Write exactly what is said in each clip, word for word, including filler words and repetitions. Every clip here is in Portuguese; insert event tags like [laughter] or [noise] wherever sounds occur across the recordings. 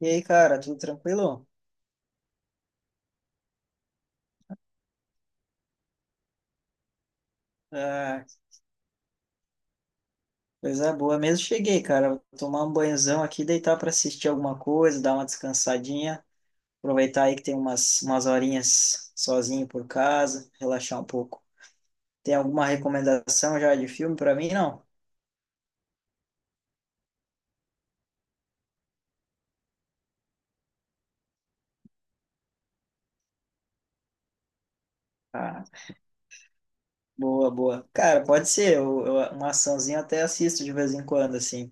E aí, cara, tudo tranquilo? Ah, coisa boa mesmo. Cheguei, cara. Vou tomar um banhozão aqui, deitar para assistir alguma coisa, dar uma descansadinha. Aproveitar aí que tem umas, umas horinhas sozinho por casa, relaxar um pouco. Tem alguma recomendação já de filme para mim? Não? Ah, boa, boa. Cara, pode ser. Eu, eu- uma açãozinha eu até assisto de vez em quando, assim.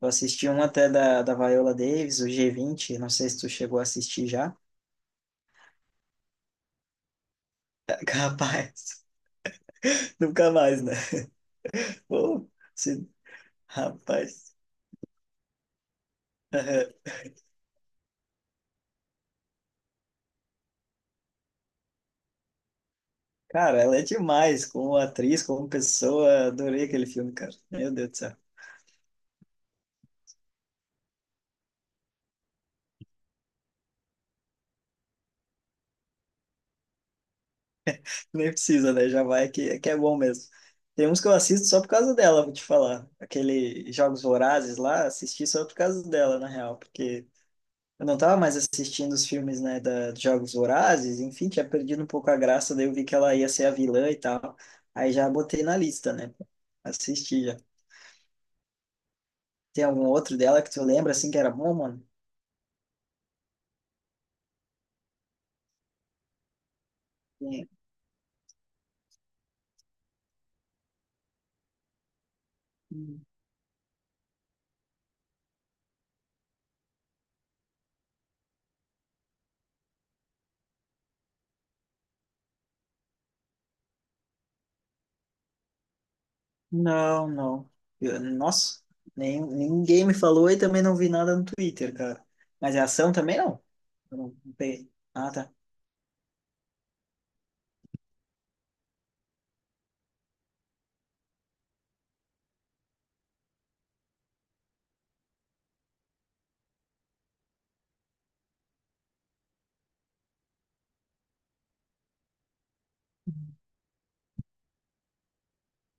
Eu assisti um até da, da Viola Davis, o g vinte. Não sei se tu chegou a assistir já. [laughs] Capaz. Nunca mais, né? Pô, se- Rapaz. [laughs] Aham. Cara, ela é demais como atriz, como pessoa. Adorei aquele filme, cara. Meu Deus do céu. Nem precisa, né? Já vai que, que é bom mesmo. Tem uns que eu assisto só por causa dela, vou te falar. Aquele Jogos Vorazes lá, assisti só por causa dela, na real, porque eu não tava mais assistindo os filmes, né, da dos Jogos Vorazes, enfim, tinha perdido um pouco a graça, daí eu vi que ela ia ser a vilã e tal. Aí já botei na lista, né? Assisti já. Tem algum outro dela que tu lembra assim que era bom, mano? Tem. Não, não. Eu- nossa, nem, ninguém me falou e também não vi nada no Twitter, cara. Mas é ação também não? Eu não não peguei. Ah, tá.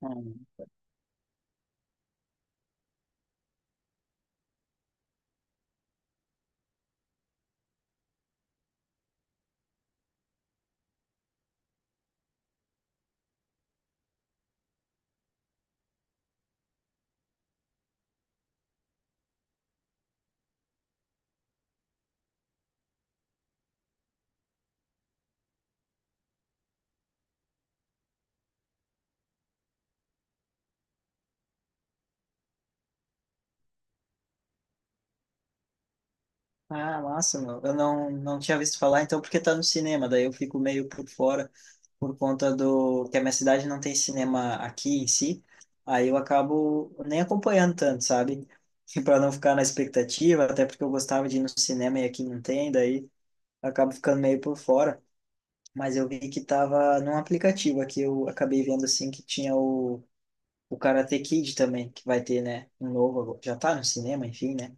Hum. Ah, massa, meu. Eu não, não tinha visto falar, então, porque tá no cinema, daí eu fico meio por fora, por conta do que a minha cidade não tem cinema aqui em si, aí eu acabo nem acompanhando tanto, sabe? [laughs] E para não ficar na expectativa, até porque eu gostava de ir no cinema e aqui não tem, daí eu acabo ficando meio por fora. Mas eu vi que tava num aplicativo aqui, eu acabei vendo assim que tinha o, o Karate Kid também, que vai ter, né? Um novo, agora. Já tá no cinema, enfim, né?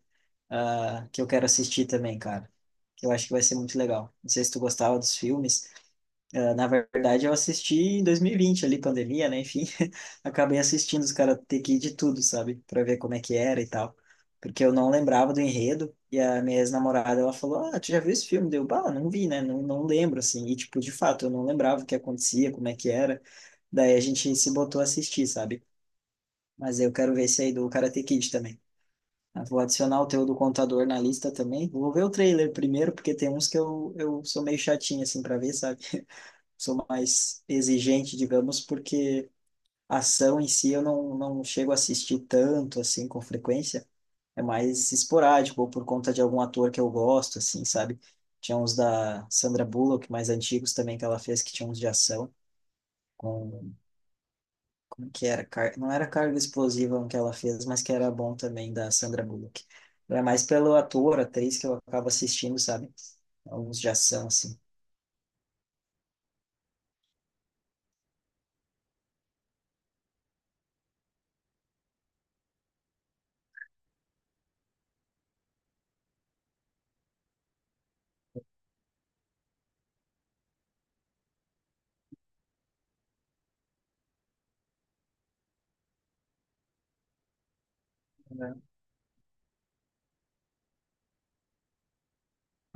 Ah, que eu quero assistir também, cara. Que eu acho que vai ser muito legal. Não sei se tu gostava dos filmes, ah, na verdade, eu assisti em dois mil e vinte, ali, pandemia, né? Enfim, [laughs] acabei assistindo os Karate Kid de tudo, sabe? Pra ver como é que era e tal. Porque eu não lembrava do enredo. E a minha ex-namorada, ela falou: Ah, tu já viu esse filme? Deu, bah, não vi, né? Não, não lembro, assim. E, tipo, de fato, eu não lembrava o que acontecia, como é que era. Daí a gente se botou a assistir, sabe? Mas eu quero ver esse aí do Karate Kid também. Ah, vou adicionar o teu do contador na lista também. Vou ver o trailer primeiro, porque tem uns que eu, eu sou meio chatinho, assim, pra ver, sabe? Sou mais exigente, digamos, porque a ação em si eu não, não chego a assistir tanto, assim, com frequência. É mais esporádico, ou por conta de algum ator que eu gosto, assim, sabe? Tinha uns da Sandra Bullock, mais antigos também, que ela fez, que tinha uns de ação, com... Como que era? Car... Não era Carga Explosiva um que ela fez, mas que era bom também, da Sandra Bullock. É mais pelo ator, atriz, que eu acabo assistindo, sabe? Alguns de ação, assim.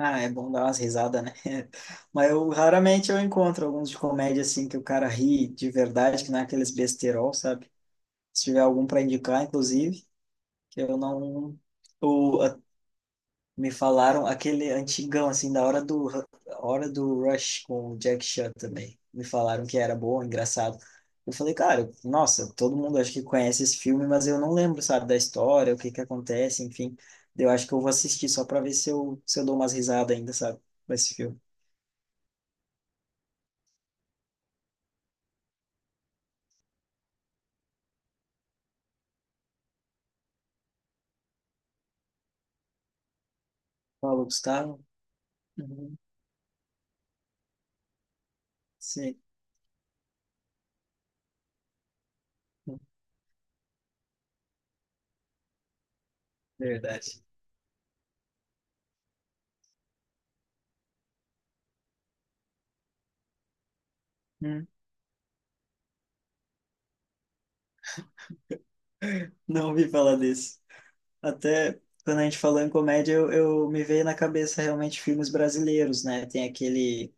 Ah, é bom dar umas risadas, né? [laughs] Mas eu raramente eu encontro alguns de comédia assim que o cara ri de verdade, que não é aqueles besterol, sabe? Se tiver algum para indicar, inclusive, que eu não o a- me falaram aquele antigão assim da hora do hora do Rush com o Jack Chan também. Me falaram que era bom, engraçado. Eu falei, cara, nossa, todo mundo acho que conhece esse filme, mas eu não lembro, sabe, da história, o que que acontece, enfim. Eu acho que eu vou assistir só para ver se eu se eu dou umas risadas ainda, sabe, com esse filme. Paulo Gustavo? Uhum, sim, verdade. Hum. Não ouvi falar desse. Até quando a gente falou em comédia, eu, eu me veio na cabeça realmente filmes brasileiros, né? Tem aquele,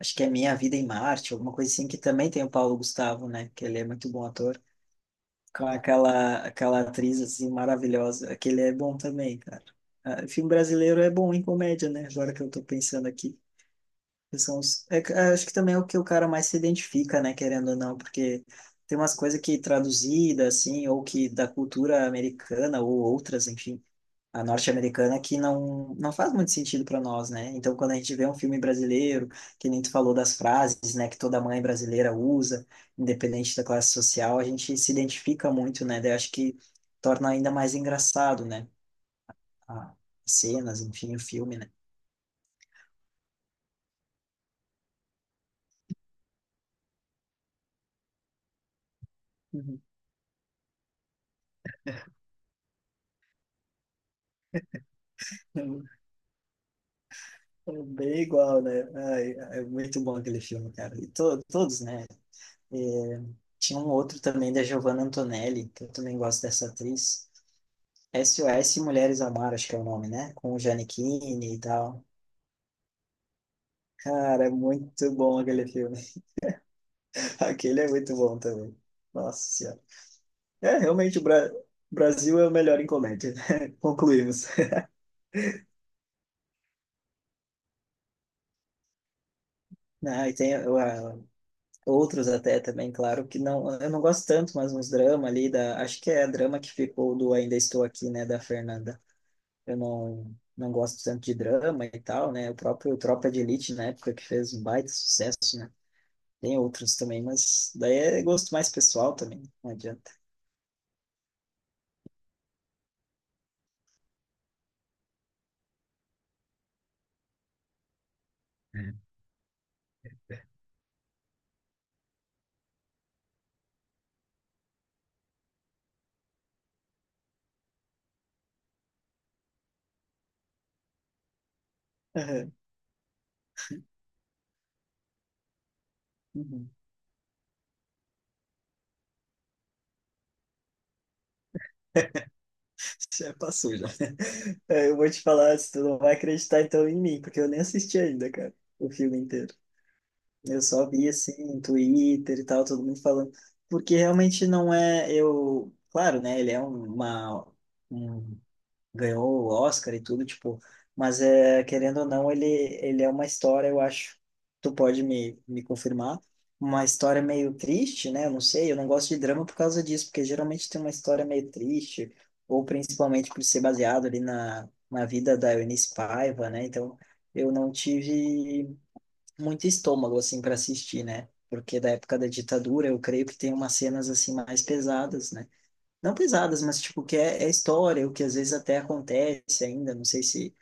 acho que é Minha Vida em Marte, alguma coisa assim, que também tem o Paulo Gustavo, né? Que ele é muito bom ator. Com aquela, aquela atriz, assim, maravilhosa. Aquele é bom também, cara. Ah, filme brasileiro é bom em comédia, né? Agora que eu tô pensando aqui. Que são os- é que- acho que também é o que o cara mais se identifica, né, querendo ou não, porque tem umas coisas que traduzida, assim, ou que da cultura americana, ou outras, enfim, a norte-americana, que não, não faz muito sentido para nós, né? Então, quando a gente vê um filme brasileiro, que nem tu falou das frases, né, que toda mãe brasileira usa, independente da classe social, a gente se identifica muito, né? Daí acho que torna ainda mais engraçado, né? a- As cenas, enfim, o filme, né? Uhum. Bem igual, né? Ai, é muito bom aquele filme, cara. E to, todos, né? É, tinha um outro também da Giovanna Antonelli, que eu também gosto dessa atriz. S O S Mulheres ao Mar, acho que é o nome, né? Com o Giannichini e tal. Cara, é muito bom aquele filme. [laughs] Aquele é muito bom também. Nossa Senhora. É, realmente o Bra Brasil é o melhor em comédia, né? [laughs] Concluímos. Ah, e tem a, outros até também, claro, que não, eu não gosto tanto, mas uns drama ali da, acho que é drama que ficou do Ainda Estou Aqui, né, da Fernanda. Eu não, não gosto tanto de drama e tal, né? O próprio Tropa de Elite na época que fez um baita sucesso, né? Tem outros também, mas daí é gosto mais pessoal também, né, não adianta. Hum. Aham, uhum. [laughs] Já passou já. [laughs] É, eu vou te falar, se tu não vai acreditar então em mim, porque eu nem assisti ainda, cara, o filme inteiro. Eu só vi assim em Twitter e tal, todo mundo falando, porque realmente não é eu, claro, né? Ele é um- uma um, ganhou o Oscar e tudo, tipo, mas é querendo ou não, ele ele é uma história, eu acho. Tu pode me me confirmar? Uma história meio triste, né? Eu não sei, eu não gosto de drama por causa disso, porque geralmente tem uma história meio triste, ou principalmente por ser baseado ali na na vida da Eunice Paiva, né? Então, eu não tive muito estômago assim para assistir, né? Porque da época da ditadura, eu creio que tem umas cenas assim mais pesadas, né? Não pesadas, mas tipo que é, é história, o que às vezes até acontece ainda, não sei se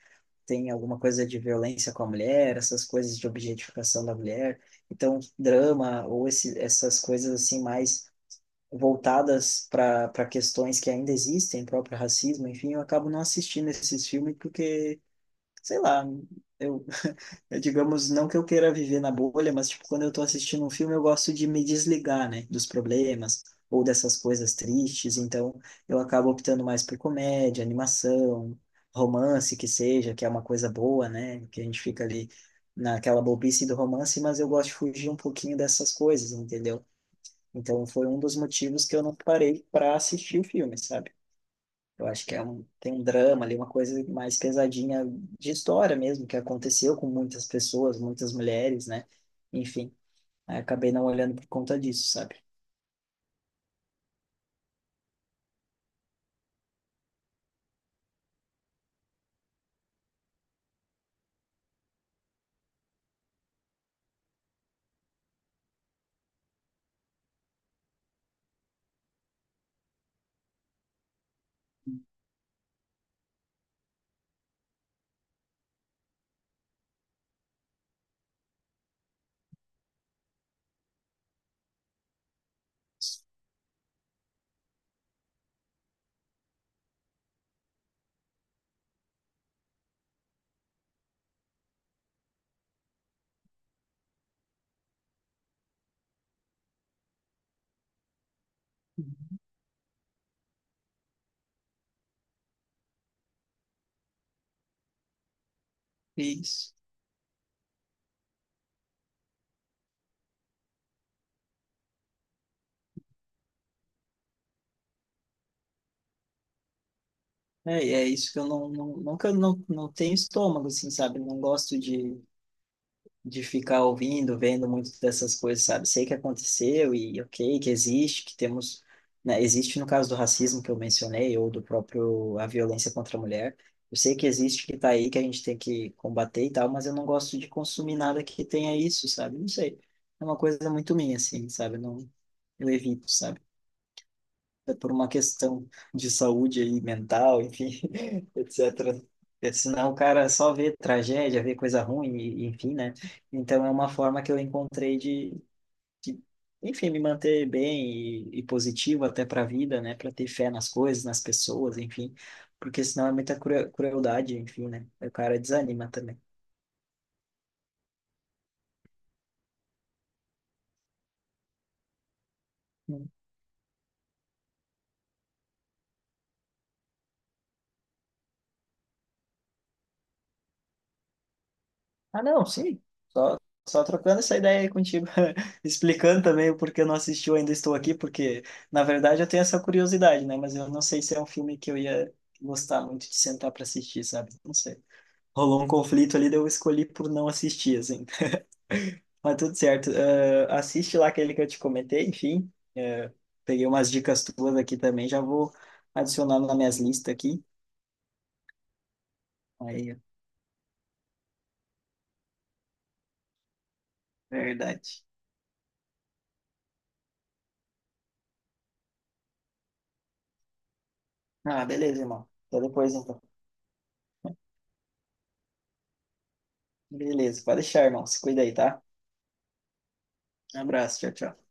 tem alguma coisa de violência com a mulher, essas coisas de objetificação da mulher. Então, drama ou esse, essas coisas assim mais voltadas para para questões que ainda existem, próprio racismo, enfim, eu acabo não assistindo esses filmes porque, sei lá, eu eu, digamos, não que eu queira viver na bolha, mas, tipo, quando eu tô assistindo um filme, eu gosto de me desligar, né, dos problemas ou dessas coisas tristes, então eu acabo optando mais por comédia, animação, romance que seja, que é uma coisa boa, né, que a gente fica ali naquela bobice do romance, mas eu gosto de fugir um pouquinho dessas coisas, entendeu? Então foi um dos motivos que eu não parei para assistir o filme, sabe? Eu acho que é um, tem um drama ali, uma coisa mais pesadinha de história mesmo, que aconteceu com muitas pessoas, muitas mulheres, né? Enfim, aí acabei não olhando por conta disso, sabe? Isso. É, e é isso que eu não, não, não que eu não, não tenho estômago, assim, sabe? Não gosto de, de ficar ouvindo, vendo muito dessas coisas, sabe? Sei que aconteceu e ok, que existe, que temos, né? Existe no caso do racismo que eu mencionei ou do próprio a violência contra a mulher. Eu sei que existe, que tá aí, que a gente tem que combater e tal, mas eu não gosto de consumir nada que tenha isso, sabe? Não sei. É uma coisa muito minha, assim, sabe? Eu não, eu evito, sabe? É por uma questão de saúde aí, mental, enfim, [laughs] etcétera. Porque senão o cara só vê tragédia, vê coisa ruim, e- e enfim, né? Então é uma forma que eu encontrei de, enfim, me manter bem e, e positivo até para a vida, né? Para ter fé nas coisas, nas pessoas, enfim. Porque senão é muita cru- crueldade, enfim, né? O cara desanima também. Ah, não, sim. Só, só trocando essa ideia aí contigo, [laughs] explicando também o porquê eu não assisti, eu ainda estou aqui, porque na verdade eu tenho essa curiosidade, né? Mas eu não sei se é um filme que eu ia gostar muito de sentar para assistir, sabe? Não sei. Rolou um conflito ali, daí eu escolhi por não assistir, assim. [laughs] Mas tudo certo. Eh, assiste lá aquele que eu te comentei, enfim. Eh, peguei umas dicas tuas aqui também, já vou adicionando nas minhas listas aqui. Aí, é verdade. Ah, beleza, irmão. Até depois, então. Beleza, pode deixar, irmão. Se cuida aí, tá? Abraço, tchau, tchau.